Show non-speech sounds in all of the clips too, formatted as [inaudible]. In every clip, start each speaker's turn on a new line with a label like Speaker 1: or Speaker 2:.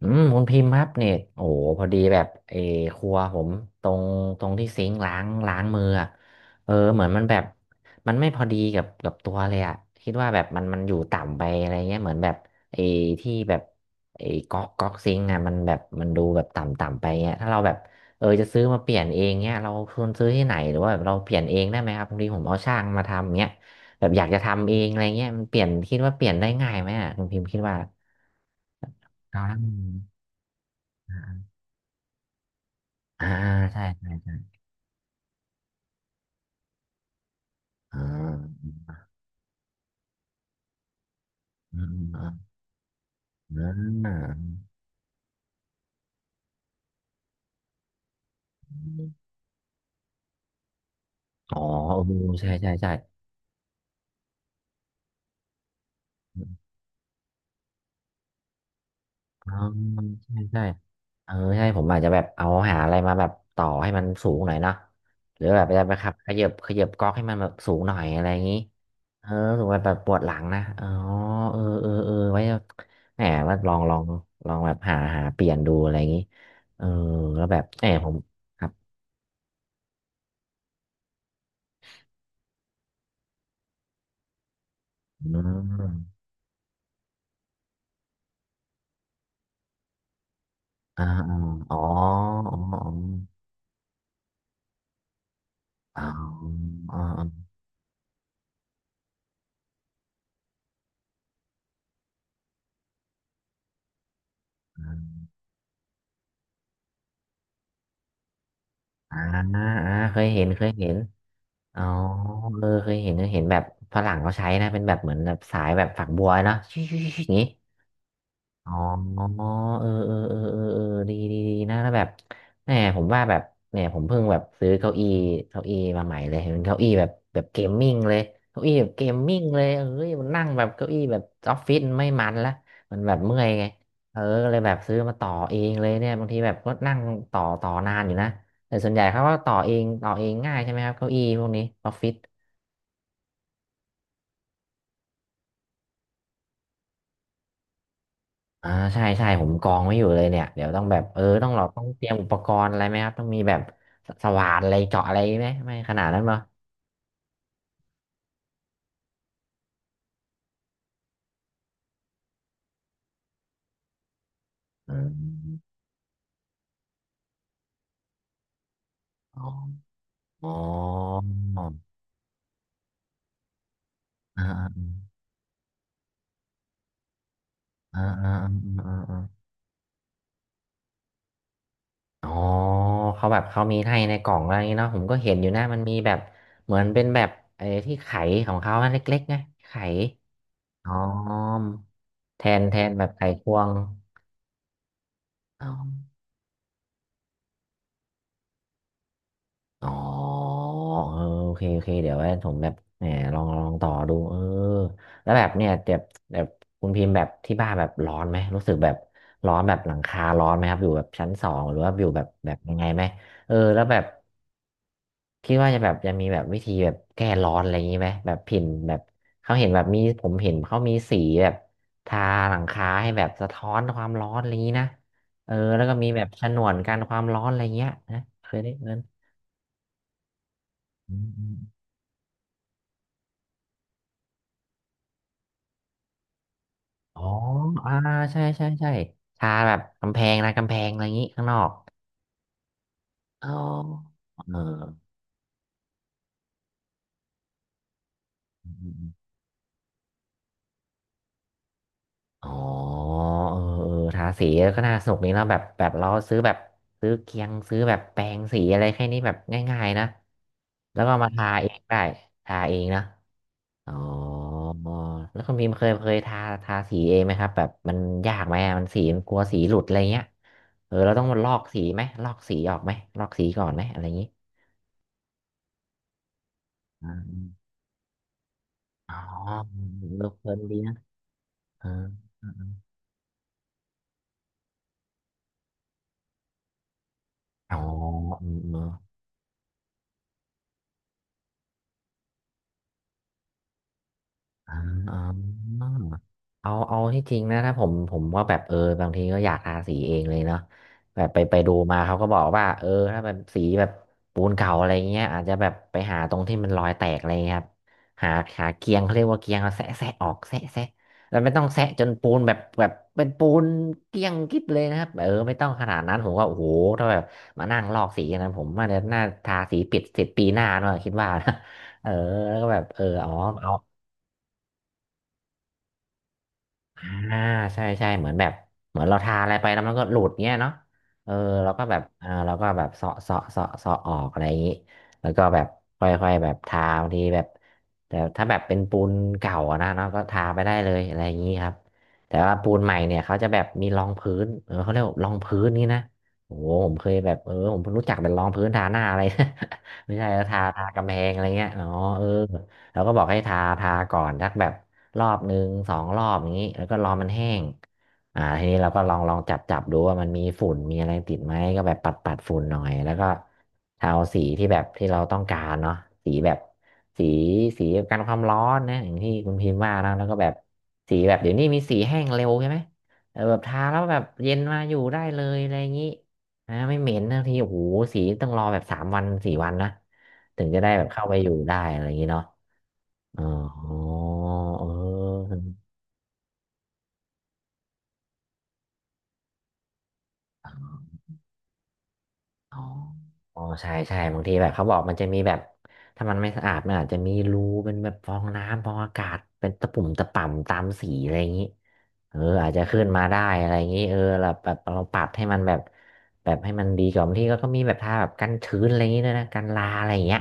Speaker 1: อืมคุณพิมพ์ครับเนี่ยโอ้โหพอดีแบบครัวผมตรงตรงที่ซิงค์ล้างมืออะเหมือนมันแบบมันไม่พอดีกับตัวเลยอ่ะคิดว่าแบบมันอยู่ต่ำไปอะไรเงี้ยเหมือนแบบไอ้ที่แบบไอ้ก๊อกซิงค์อ่ะมันแบบมันดูแบบต่ำต่ำไปเงี้ยถ้าเราแบบจะซื้อมาเปลี่ยนเองเงี้ยเราควรซื้อที่ไหนหรือว่าแบบเราเปลี่ยนเองได้ไหมครับบางทีผมเอาช่างมาทำเงี้ยแบบอยากจะทำเองอะไรเงี้ยมันเปลี่ยนคิดว่าเปลี่ยนได้ง่ายไหมอ่ะคุณพิมพ์คิดว่าครับ อ่าใช่อ่าอืมอ่าอ่าอ๋อเออใช่ใช่ใช่อ๋อใช่ใช่เออใช่ผมอาจจะแบบเอาหาอะไรมาแบบต่อให้มันสูงหน่อยเนาะหรือแบบจะไปขับขยับก๊อกให้มันแบบสูงหน่อยอะไรอย่างนี้เออสูงแบบปวดหลังนะอ๋อเออเออเออไว้แหมว่าลองแบบหาเปลี่ยนดูอะไรอย่างนี้เออแล้วแบบแหมผมครับอืมอ่าอาอ๋ออ๋ออ๋อ อ๋ออ๋ออ๋ออ่าอ่าเคยเห็นเคยเห็นอ๋อเออเคยเห็นเคยเห็นแบบฝรั่งเขาใช้นะเป็นแบบเหมือนแบบสายแบบฝักบัวเนาะชิ่งๆๆๆอย่างนี้ อ๋อเออเออเออเออเออดีดีดีนะแล้วแบบแหมผมว่าแบบเนี่ยผมเพิ่งแบบซื้อเก้าอี้มาใหม่เลยเป็นเก้าอี้แบบเกมมิ่งเลยเก้าอี้แบบเกมมิ่งเลยเอ้ยมันนั่งแบบเก้าอี้แบบออฟฟิศไม่มันละมันแบบเมื่อยไงเออก็เลยแบบซื้อมาต่อเองเลยเนี่ยบางทีแบบก็นั่งต่อนานอยู่นะแต่ส่วนใหญ่เขาก็ต่อเองง่ายใช่ไหมครับเก้าอี้พวกนี้ออฟฟิศ อ่าใช่ใช่ผมกองไว้อยู่เลยเนี่ยเดี๋ยวต้องแบบต้องเราต้องเตรียมอุปกรณ์อะไรไหมครับต้องมีแบบว่านอะไรเจาะอะไรไหมไม่ขนาดนั้นปะอมอ๋ออ๋ออ่าอ่าอ่าอ่าอ่าอาอ๋อเขาแบบเขามีให้ในกล่องอะไรอย่างงี้เนาะผมก็เห็นอยู่นะมันมีแบบเหมือนเป็นแบบไอ้ที่ไขของเขาอันเล็กๆไงไขอ๋อแทนแบบไขควง อ๋อเออโอเคโอเคเดี๋ยวไว้ผมแบบแหมลองต่อดูเออแล้วแบบเนี่ยแบบคุณพิมพ์แบบที่บ้านแบบร้อนไหมรู้สึกแบบร้อนแบบหลังคาร้อนไหมครับอยู่แบบชั้นสองหรือว่าอยู่แบบยังไงไหมเออแล้วแบบคิดว่าจะแบบจะมีแบบวิธีแบบแก้ร้อนอะไรอย่างนี้ไหมแบบผิ่นแบบเขาเห็นแบบมีผมเห็นเขามีสีแบบทาหลังคาให้แบบสะท้อนความร้อนอะไรอย่างนี้นะเออแล้วก็มีแบบฉนวนกันความร้อนอะไรเงี้ยนะเคยได้เงิน อ๋ออ่าใช่ใช่ใช่ทาแบบกำแพงนะกำแพงอะไรอย่างงี้ข้างนอกอ๋อเอออืมอืมอมอ๋อเออเออทาสีก็น่าสนุกนี้เนาะแบบเราซื้อแบบซื้อเคียงซื้อแบบแปรงสีอะไรแค่นี้แบบง่ายๆนะแล้วก็มาทาเองได้ทาเองนะอ๋อแล้วคุณพิมพ์เคยทาสีเองไหมครับแบบมันยากไหมอะมันสีมันกลัวสีหลุดอะไรเงี้ยเออเราต้องมาลอกสีไหมลอกสีออกไหมลอกสีก่อนไหมอะไรอย่างงี้ อ๋อเออเพลินดีนะเออเออเอออ๋อเออเออ อาอ๋อเอาเอาที่จริงนะถ้าผมว่าแบบบางทีก็อยากทาสีเองเลยเนาะแบบไปดูมาเขาก็บอกว่าถ้าแบบสีแบบปูนเก่าอะไรเงี้ยอาจจะแบบไปหาตรงที่มันรอยแตกอะไรเงี้ยครับหาหาเกียงเขาเรียกว่าเกียงเอาแซะแซะออกแซะแซะแล้วไม่ต้องแซะจนปูนแบบเป็นปูนเกลี้ยงกิ๊บเลยนะครับเออไม่ต้องขนาดนั้นผมว่าโอ้โหถ้าแบบมานั่งลอกสีอย่างนั้นผมว่าเดี๋ยวน่าทาสีปิดเสร็จปีหน้าเนอะคิดว่านะ [laughs] เออแล้วก็แบบเอออ๋อเอา อ่าใช่ใช่เหมือนแบบเหมือนเราทาอะไรไปแล้วมันก็หลุดเงี้ยเนาะเออเราก็แบบอ่าเราก็แบบเสาะเสาะเสาะเสาะออกอะไรอย่างนี้แล้วก็แบบค่อยๆแบบทาบางทีแบบแต่ถ้าแบบเป็นปูนเก่าอะนะเนาะก็ทาไปได้เลยอะไรอย่างนี้ครับแต่ว่าปูนใหม่เนี่ยเขาจะแบบมีรองพื้นเขาเรียกว่ารองพื้นนี่นะโอ้โหผมเคยแบบผมเพิ่งรู้จักเป็นรองพื้นทาหน้าอะไร [laughs] ไม่ใช่ทาทากำแพงอะไรเงี้ยอ๋อเออ แล้วก็บอกให้ทาทาก่อนสักแบบรอบหนึ่งสองรอบอย่างนี้แล้วก็รอมันแห้งทีนี้เราก็ลองลองจับจับดูว่ามันมีฝุ่นมีอะไรติดไหมก็แบบปัดปัดฝุ่นหน่อยแล้วก็ทาสีที่แบบที่เราต้องการเนาะสีแบบสีสีกันความร้อนนะอย่างที่คุณพิมพ์ว่านะแล้วก็แบบสีแบบเดี๋ยวนี้มีสีแห้งเร็วใช่ไหมเออแบบทาแล้วแบบเย็นมาอยู่ได้เลยอะไรอย่างนี้นะไม่เหม็นนะทีโอ้โหสีต้องรอแบบ3 วัน 4 วันนะถึงจะได้แบบเข้าไปอยู่ได้อะไรอย่างนี้เนาะ อ๋อเอออ๋ออ๋อใช่ใช่บางทีแบบเขาบอกมันจะมีแบบถ้ามันไม่สะอาดมันอาจจะมีรูเป็นแบบฟองน้ำฟองอากาศ เป็นตะปุ่มตะป่ำตามสีอะไรอย่างนี้เอออาจจะขึ้นมาได้อะไรอย่างนี้ เออแบบเราปรับให้มันแบบ แบบให้มันดีกว่าบางทีก็มีแบบทาแบบกันชื้นอะไรอย่างงี้ด้วยนะกันราอะไรอย่างเงี้ย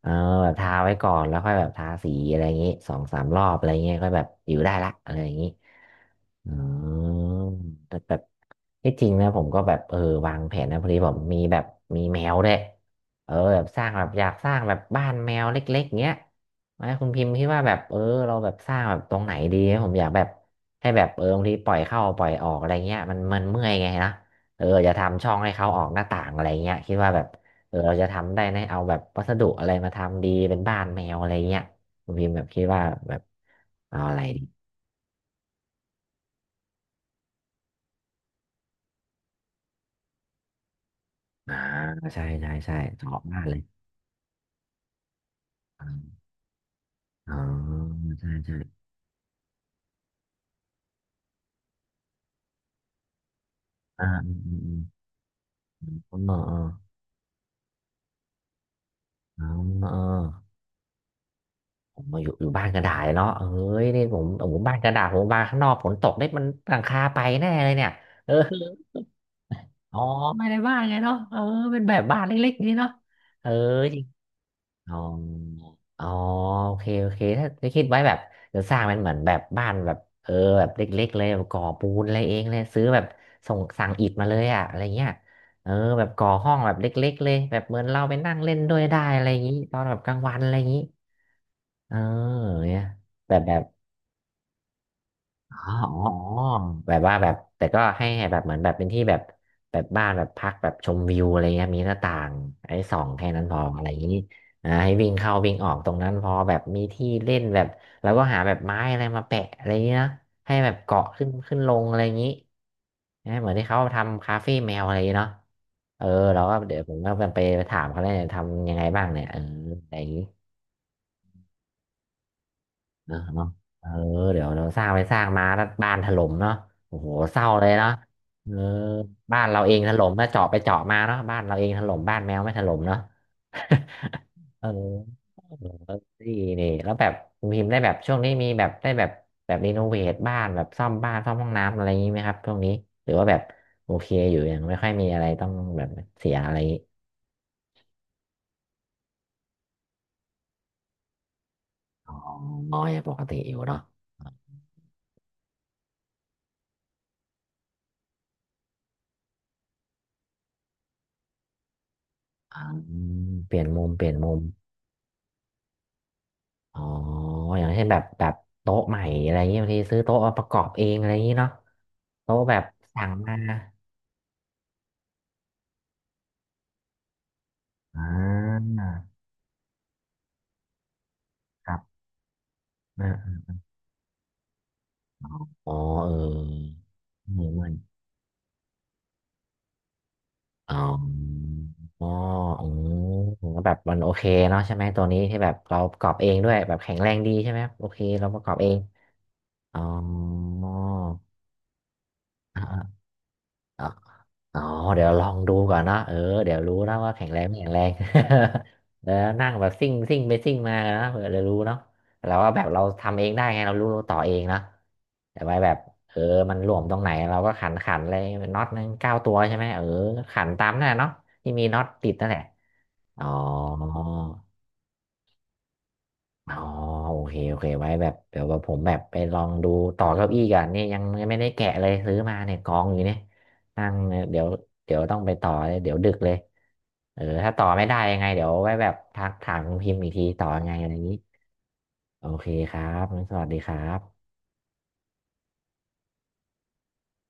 Speaker 1: เออแบบทาไว้ก่อนแล้วค่อยแบบทาสีอะไรอย่างงี้2 3 รอบอะไรอย่างเงี้ยก็แบบอยู่ได้ละอะไรอย่างงี้อืมแต่แบบที่จริงนะผมก็แบบเออวางแผนนะพอดีผมมีแบบมีแมวด้วยเออแบบสร้างแบบอยากสร้างแบบบ้านแมวเล็กๆเงี้ยไหม่คุณพิมพ์คิดว่าแบบเออเราแบบสร้างแบบตรงไหนดีผมอยากแบบให้แบบเออบางทีปล่อยเข้าปล่อยออกอะไรเงี้ยมันเมื่อยไงนะ เอออย่าทำช่องให้เขาออกหน้าต่างอะไรเงี้ยคิดว่าแบบเออเราจะทำได้ไหมเอาแบบวัสดุอะไรมาทำดีเป็นบ้านแมวอะไรเงี้ยคุณพิมพ์แบบคิดว่าแบบเอาอะไรดีอ่าใช่ใช่ใช่ชอบมากเลยอ๋ออ๋อใช่ใช่อืมอืมอืมอืมเออเออเออผมมาอยู่บ้านกระดาษเนาะเอ้ยนี่ผมโอ้โหบ้านกระดาษผมบ้านข้างนอกฝนตกได้มันหลังคาไปแน่เลยเนี่ยเออ [laughs] อ๋อไม่ได้บ้านไงเนาะเออเป็นแบบบ้านเล็กๆนี่เนาะเออ อ๋ออ๋อโอเคโอเค ถ้าจะคิดไว้แบบจะสร้างเป็นเหมือนแบบบ้านแบบเออแบบเล็กๆเลยแบบก่อปูนอะไรเองเลยซื้อแบบส่งสั่งอิฐมาเลยอะอะไรเงี้ยเออแบบก่อห้องแบบเล็กๆเลยแบบเหมือนเราไปนั่งเล่นด้วยได้อะไรอย่างงี้ตอนแบบกลางวันอะไรอย่างงี้เออเนี่ยแบบ อ๋ออ๋ออ๋อแบบว่าแบบแต่ก็ให้แบบเหมือนแบบเป็นที่แบบแบบบ้านแบบพักแบบชมวิวอะไรเงี้ยมีหน้าต่างไอ้ส่องแค่นั้นพออะไรอย่างนี้ให้วิ่งเข้าวิ่งออกตรงนั้นพอแบบมีที่เล่นแบบแล้วก็หาแบบไม้อะไรมาแปะอะไรอย่างนี้นะให้แบบเกาะขึ้นขึ้นลงอะไรอย่างนี้นะเหมือนที่เขาทำคาเฟ่แมวอะไรอย่างงี้เนาะเออเราก็เดี๋ยวผมก็ไปถามเขาเลยทำยังไงบ้างเนี่ยเอออะไรอย่างนี้ เนอะเนาะเออเดี๋ยวเราสร้างไปสร้างมาแล้วบ้านถล่มเนาะโอ้โหเศร้าเลยเนาะเออบ้านเราเองถล่มนะเจาะไปเจาะมาเนาะบ้านเราเองถล่มบ้านแมวไม่ถล่มเนาะ [laughs] เออเออนี่นี่แล้วแบบคุณพิมพ์ได้แบบช่วงนี้มีแบบได้แบบแบบรีโนเวทบ้านแบบซ่อมบ้านซ่อมห้องน้ำอะไรอย่างนี้ไหมครับช่วงนี้หรือว่าแบบโอเคอยู่ยังไม่ค่อยมีอะไรต้องแบบเสียอะไรอ๋อน้อยปกติอยู่เนาะอืมเปลี่ยนมุมเปลี่ยนมุม อ๋ออย่างเช่นแบบโต๊ะใหม่อะไรเงี้ยบางทีซื้อโต๊ะมาประกอบเองอะไรอย่างงี้เนาะโต๊ะแบบสั่งมาอ่าครับอ่าอ๋อเออไม่ไมอนอ๋ออ๋ออืมแล้วแบบมันโอเคเนาะใช่ไหมตัวนี้ที่แบบเราประกอบเองด้วยแบบแข็งแรงดีใช่ไหมครับโอเคเราประกอบเองอ๋ออ๋อ อ๋อเดี๋ยวลองดูก่อนเนาะเออเดี๋ยวรู้นะว่าแข็งแรงไม่แข็งแรง [laughs] แล้วนั่งแบบซิ่งซิ่งไปซิ่งมานะเผื่อจะรู้เนาะเราว่าแบบเราทำเองได้ไงเรารู้รูต่อเองเนาะแต่ไว้แบบเออมันหลวมตรงไหนเราก็ขันขันเลยน็อตนึง9 ตัวใช่ไหมเออขันตามนั่นแหละเนาะที่มีน็อตติดนั่นแหละอ๋อ อ๋อโอเคโอเคไว้แบบเดี๋ยวแบบผมแบบไปลองดูต่อเก้าอี้กัอนเนี่ยยังไม่ได้แกะเลยซื้อมาเนี่ยกองอยู่เนี่ยนั่งเนี่ยเดี๋ยวต้องไปต่อเลยเดี๋ยวดึกเลยเออถ้าต่อไม่ได้ยังไงเดี๋ยวไว้แบบทักถามคุณพิมพ์อีกทีต่อยังไงอะไรอย่างนี้โอเคครับงั้นสวัสดีครับ